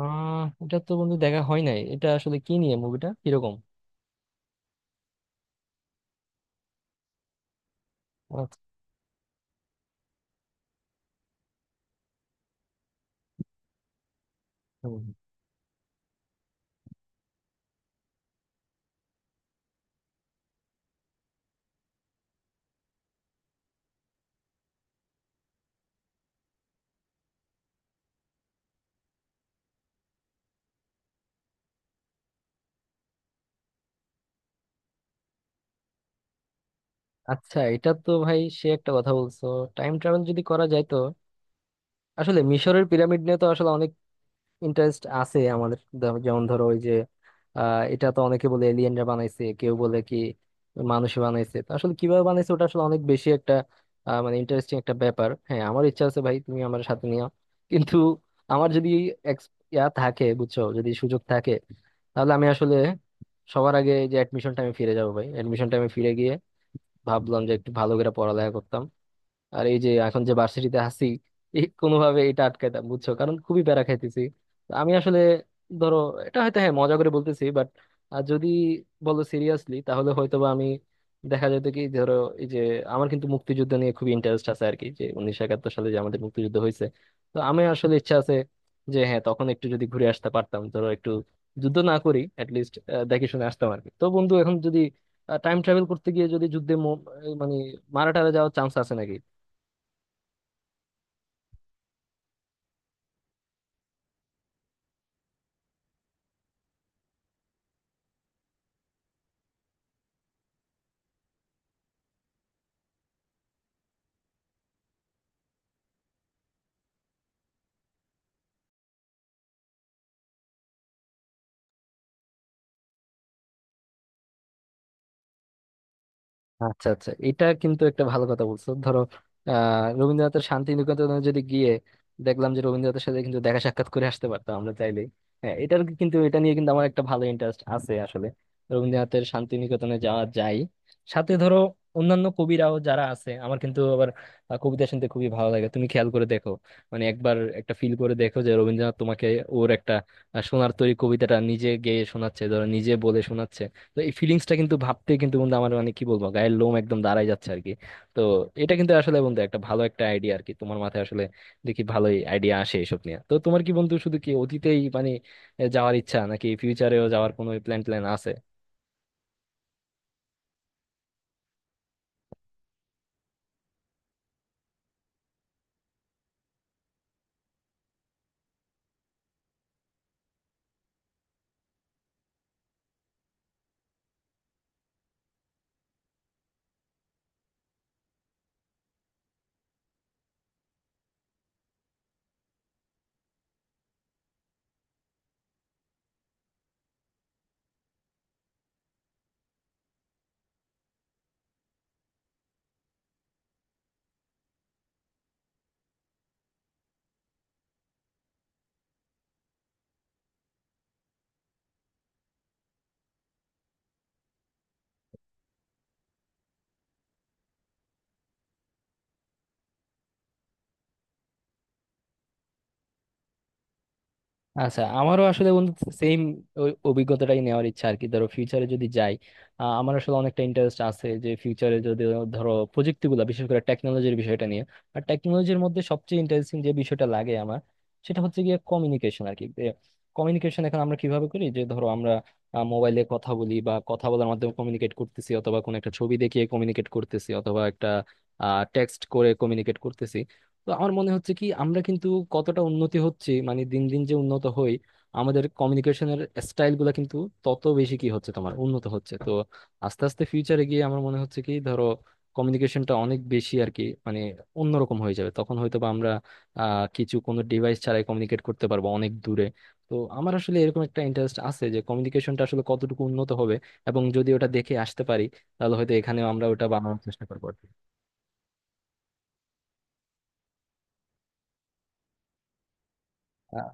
এটা তো বন্ধু দেখা হয় নাই। এটা আসলে কি নিয়ে মুভিটা? কিরকম? আচ্ছা। হুম। আচ্ছা, এটা তো ভাই সে একটা কথা বলছো। টাইম ট্রাভেল যদি করা যায় তো আসলে মিশরের পিরামিড ইন্টারেস্ট আছে আমাদের যেমন ধরো ওই যে এটা তো অনেকে বলে এলিয়েনরা বানাইছে, কেউ বলে কি মানুষ বানাইছে, তো আসলে কিভাবে বানাইছে ওটা আসলে অনেক বেশি একটা মানে ইন্টারেস্টিং একটা ব্যাপার। হ্যাঁ, আমার ইচ্ছা আছে ভাই, তুমি আমার সাথে নিও। কিন্তু আমার যদি ex- ইয়া থাকে, বুঝছো, যদি সুযোগ থাকে, তাহলে আমি আসলে সবার আগে এই যে অ্যাডমিশন টাইমে ফিরে যাবো ভাই। অ্যাডমিশন টাইমে ফিরে গিয়ে ভাবলাম যে একটু ভালো করে পড়ালেখা করতাম, আর এই যে এখন যে ভার্সিটিতে আছি, এই কোনোভাবে এটা আটকাইতাম, বুঝছো, কারণ খুবই প্যারা খাইতেছি। তো আমি আসলে ধরো এটা হয়তো হ্যাঁ মজা করে বলতেছি, বাট যদি বলো সিরিয়াসলি তাহলে হয়তোবা আমি দেখা যেত কি, ধরো এই যে, আমার কিন্তু মুক্তিযুদ্ধ নিয়ে খুবই ইন্টারেস্ট আছে আর কি, যে 1971 সালে যে আমাদের মুক্তিযুদ্ধ হয়েছে। তো আমি আসলে ইচ্ছা আছে যে হ্যাঁ তখন একটু যদি ঘুরে আসতে পারতাম, ধরো একটু, যুদ্ধ না করি, লিস্ট দেখে শুনে আসতাম আর কি। তো বন্ধু, এখন যদি টাইম ট্রাভেল করতে গিয়ে যদি যুদ্ধে মানে মারা টারা যাওয়ার চান্স আছে। আচ্ছা, আচ্ছা, এটা কিন্তু একটা ভালো কথা বলছো। ধরো রবীন্দ্রনাথের শান্তি নিকেতনে যদি গিয়ে দেখলাম যে রবীন্দ্রনাথের সাথে কিন্তু দেখা সাক্ষাৎ করে আসতে পারতাম আমরা চাইলেই। হ্যাঁ, এটার কিন্তু, এটা নিয়ে কিন্তু আমার একটা ভালো ইন্টারেস্ট আছে। আসলে রবীন্দ্রনাথের শান্তি নিকেতনে যাওয়া যায়, সাথে ধরো অন্যান্য কবিরাও যারা আছে। আমার কিন্তু আবার কবিতা শুনতে খুবই ভালো লাগে। তুমি খেয়াল করে দেখো, মানে একবার একটা ফিল করে দেখো যে রবীন্দ্রনাথ তোমাকে ওর একটা সোনার তরী কবিতাটা নিজে গেয়ে শোনাচ্ছে, ধরো নিজে বলে শোনাচ্ছে। তো এই ফিলিংসটা কিন্তু ভাবতে কিন্তু বন্ধু আমার মানে কি বলবো, গায়ের লোম একদম দাঁড়ায় যাচ্ছে আর কি। তো এটা কিন্তু আসলে বন্ধু একটা ভালো একটা আইডিয়া আর কি তোমার মাথায়। আসলে দেখি ভালোই আইডিয়া আসে এসব নিয়ে। তো তোমার কি বন্ধু শুধু কি অতীতেই মানে যাওয়ার ইচ্ছা, নাকি ফিউচারেও যাওয়ার কোনো প্ল্যান ট্যান আছে? আচ্ছা, আমারও আসলে বন্ধু সেম অভিজ্ঞতাটাই নেওয়ার ইচ্ছা আর কি। ধরো ফিউচারে যদি যাই, আমার আসলে অনেকটা ইন্টারেস্ট আছে যে ফিউচারে যদি ধরো প্রযুক্তিগুলো, বিশেষ করে টেকনোলজির বিষয়টা নিয়ে। আর টেকনোলজির মধ্যে সবচেয়ে ইন্টারেস্টিং যে বিষয়টা লাগে আমার, সেটা হচ্ছে গিয়ে কমিউনিকেশন আর কি। কমিউনিকেশন এখন আমরা কিভাবে করি যে, ধরো আমরা মোবাইলে কথা বলি বা কথা বলার মাধ্যমে কমিউনিকেট করতেছি, অথবা কোনো একটা ছবি দেখিয়ে কমিউনিকেট করতেছি, অথবা একটা টেক্সট করে কমিউনিকেট করতেছি। তো আমার মনে হচ্ছে কি, আমরা কিন্তু কতটা উন্নতি হচ্ছে, মানে দিন দিন যে উন্নত হই, আমাদের কমিউনিকেশনের স্টাইল গুলা কিন্তু তত বেশি কি হচ্ছে তোমার উন্নত হচ্ছে। তো আস্তে আস্তে ফিউচারে গিয়ে আমার মনে হচ্ছে কি ধরো কমিউনিকেশনটা অনেক বেশি আর কি, মানে অন্যরকম হয়ে যাবে। তখন হয়তো বা আমরা কিছু কোনো ডিভাইস ছাড়াই কমিউনিকেট করতে পারবো অনেক দূরে। তো আমার আসলে এরকম একটা ইন্টারেস্ট আছে যে কমিউনিকেশনটা আসলে কতটুকু উন্নত হবে, এবং যদি ওটা দেখে আসতে পারি তাহলে হয়তো এখানেও আমরা ওটা বানানোর চেষ্টা করবো আর কি।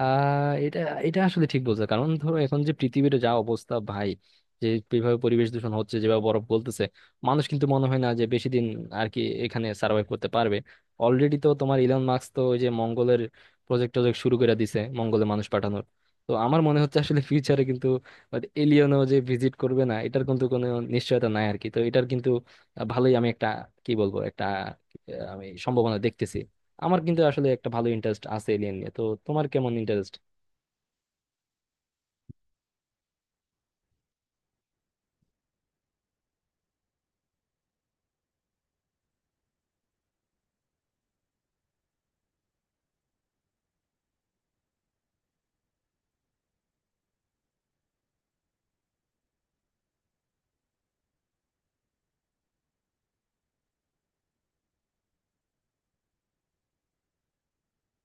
আহ এটা এটা আসলে ঠিক বলছো। কারণ ধরো এখন যে পৃথিবীর যা অবস্থা ভাই, যে যেভাবে পরিবেশ দূষণ হচ্ছে, যেভাবে বরফ গলতেছে, মানুষ কিন্তু মনে হয় না যে বেশি দিন আর কি এখানে সার্ভাইভ করতে পারবে। অলরেডি তো তোমার ইলন মাস্ক তো ওই যে মঙ্গলের প্রজেক্ট টজেক্ট শুরু করে দিছে, মঙ্গলে মানুষ পাঠানোর। তো আমার মনে হচ্ছে আসলে ফিউচারে কিন্তু এলিয়েনও যে ভিজিট করবে না, এটার কিন্তু কোনো নিশ্চয়তা নাই আর কি। তো এটার কিন্তু ভালোই আমি একটা কি বলবো একটা আমি সম্ভাবনা দেখতেছি। আমার কিন্তু আসলে একটা ভালো ইন্টারেস্ট আছে এলিয়েন নিয়ে। তো তোমার কেমন ইন্টারেস্ট?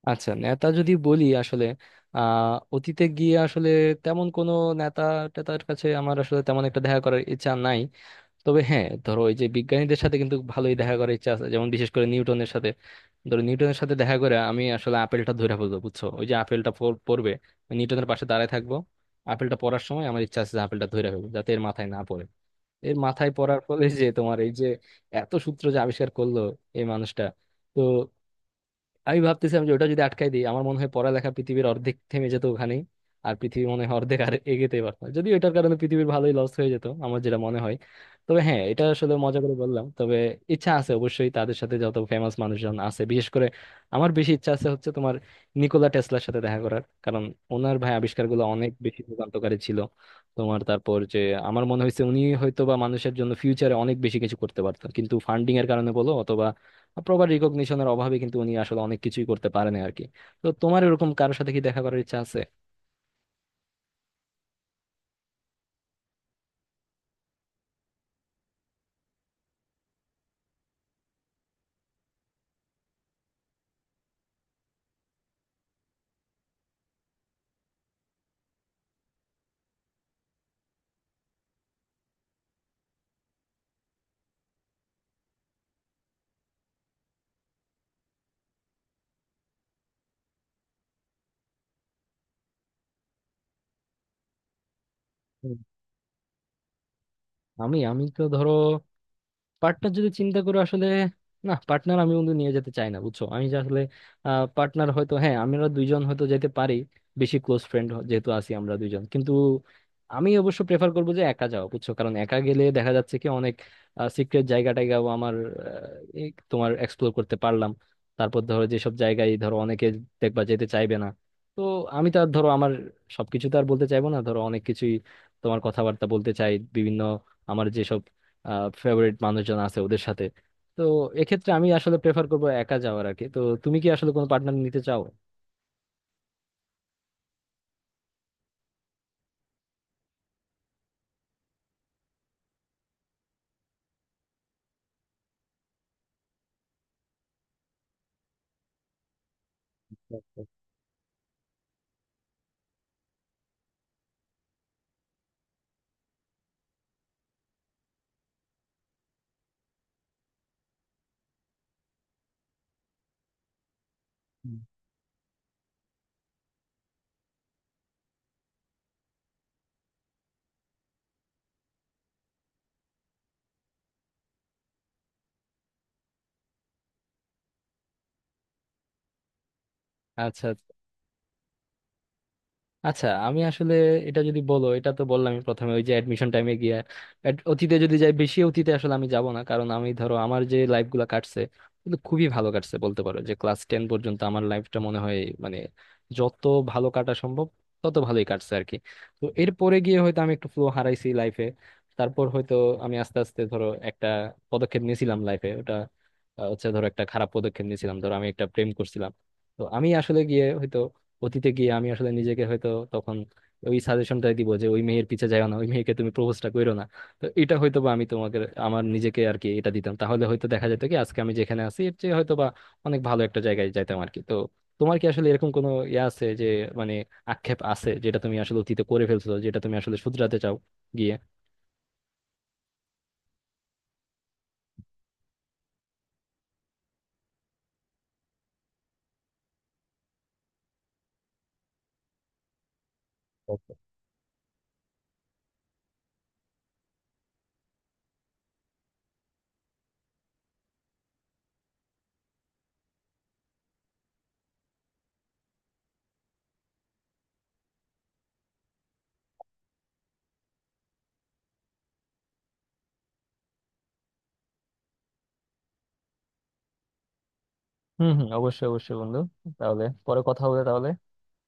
আচ্ছা, নেতা যদি বলি, আসলে অতীতে গিয়ে আসলে তেমন কোনো নেতা টেতার কাছে আমার আসলে তেমন একটা দেখা করার ইচ্ছা নাই। তবে হ্যাঁ, ধরো ওই যে বিজ্ঞানীদের সাথে কিন্তু ভালোই দেখা করার ইচ্ছা আছে, যেমন বিশেষ করে নিউটনের সাথে। ধরো নিউটনের সাথে দেখা করে আমি আসলে আপেলটা ধরে ফেলবো, বুঝছো, ওই যে আপেলটা পড়বে, নিউটনের পাশে দাঁড়ায় থাকবো, আপেলটা পড়ার সময় আমার ইচ্ছা আছে যে আপেলটা ধরে ফেলবো যাতে এর মাথায় না পড়ে। এর মাথায় পড়ার ফলে যে তোমার এই যে এত সূত্র যে আবিষ্কার করলো এই মানুষটা, তো আমি ভাবতেছিলাম যে ওটা যদি আটকাই দিই, আমার মনে হয় পড়ালেখা পৃথিবীর অর্ধেক থেমে যেত ওখানেই। আর পৃথিবী মনে হয় অর্ধেক আর এগোতে পারতো না। যদিও এটার কারণে পৃথিবীর ভালোই লস হয়ে যেত আমার যেটা মনে হয়। তবে হ্যাঁ, এটা আসলে মজা করে বললাম। তবে ইচ্ছা আছে অবশ্যই তাদের সাথে যত ফেমাস মানুষজন আছে, বিশেষ করে আমার বেশি ইচ্ছা আছে হচ্ছে তোমার নিকোলা টেসলার সাথে দেখা করার। কারণ ওনার ভাই আবিষ্কারগুলো অনেক বেশি যুগান্তকারী ছিল। তোমার তারপর যে আমার মনে হয়েছে উনি হয়তো বা মানুষের জন্য ফিউচারে অনেক বেশি কিছু করতে পারতো, কিন্তু ফান্ডিং এর কারণে বলো অথবা প্রপার রিকগনিশনের অভাবে কিন্তু উনি আসলে অনেক কিছুই করতে পারেন আর কি। তো তোমার এরকম কারোর সাথে কি দেখা করার ইচ্ছা আছে? হুম। আমি আমি তো ধরো পার্টনার যদি চিন্তা করে, আসলে না, পার্টনার আমি বন্ধু নিয়ে যেতে চাই না, বুঝছো। আমি যে আসলে পার্টনার হয়তো হ্যাঁ, আমরা দুইজন হয়তো যেতে পারি, বেশি ক্লোজ ফ্রেন্ড যেহেতু আছি আমরা দুইজন। কিন্তু আমি অবশ্য প্রেফার করবো যে একা যাওয়া, বুঝছো, কারণ একা গেলে দেখা যাচ্ছে কি অনেক সিক্রেট জায়গা টায়গাও আমার এই তোমার এক্সপ্লোর করতে পারলাম। তারপর ধরো যেসব জায়গায়, ধরো অনেকে দেখবা যেতে চাইবে না, তো আমি তো আর ধরো আমার সবকিছু তো আর বলতে চাইবো না, ধরো অনেক কিছুই তোমার কথাবার্তা বলতে চাই বিভিন্ন আমার যেসব ফেভারিট মানুষজন আছে ওদের সাথে। তো এক্ষেত্রে আমি আসলে প্রেফার করবো একা যাওয়ার আর কি। তো তুমি কি আসলে কোনো পার্টনার নিতে চাও? আচ্ছা। আচ্ছা, আচ্ছা, আমি আসলে এটা যদি বলো, এটা তো বললাম, আমি প্রথমে ওই যে অ্যাডমিশন টাইমে গিয়া, অতীতে যদি যাই, বেশি অতীতে আসলে আমি যাব না। কারণ আমি ধরো আমার যে লাইফ গুলা কাটছে কিন্তু খুবই ভালো কাটছে, বলতে পারো যে ক্লাস 10 পর্যন্ত আমার লাইফটা মনে হয় মানে যত ভালো কাটা সম্ভব তত ভালোই কাটছে আর কি। তো এরপরে গিয়ে হয়তো আমি একটু ফ্লো হারাইছি লাইফে। তারপর হয়তো আমি আস্তে আস্তে ধরো একটা পদক্ষেপ নিয়েছিলাম লাইফে, ওটা হচ্ছে ধরো একটা খারাপ পদক্ষেপ নিয়েছিলাম। ধরো আমি একটা প্রেম করছিলাম, তো আমি আসলে গিয়ে হয়তো অতীতে গিয়ে আমি আসলে নিজেকে হয়তো তখন ওই সাজেশনটাই দিব যে ওই মেয়ের পিছে যাও না, ওই মেয়েকে তুমি প্রপোজটা করো না। তো এটা হয়তো বা আমি তোমাকে, আমার নিজেকে আর কি, এটা দিতাম। তাহলে হয়তো দেখা যেত কি আজকে আমি যেখানে আছি এর চেয়ে হয়তো বা অনেক ভালো একটা জায়গায় যাইতাম আর কি। তো তোমার কি আসলে এরকম কোনো ইয়ে আছে যে, মানে আক্ষেপ আছে যেটা তুমি আসলে অতীতে করে ফেলছো, যেটা তুমি আসলে শুধরাতে চাও গিয়ে? হম, হম, অবশ্যই, অবশ্যই বন্ধু। তাহলে পরে কথা হবে তাহলে।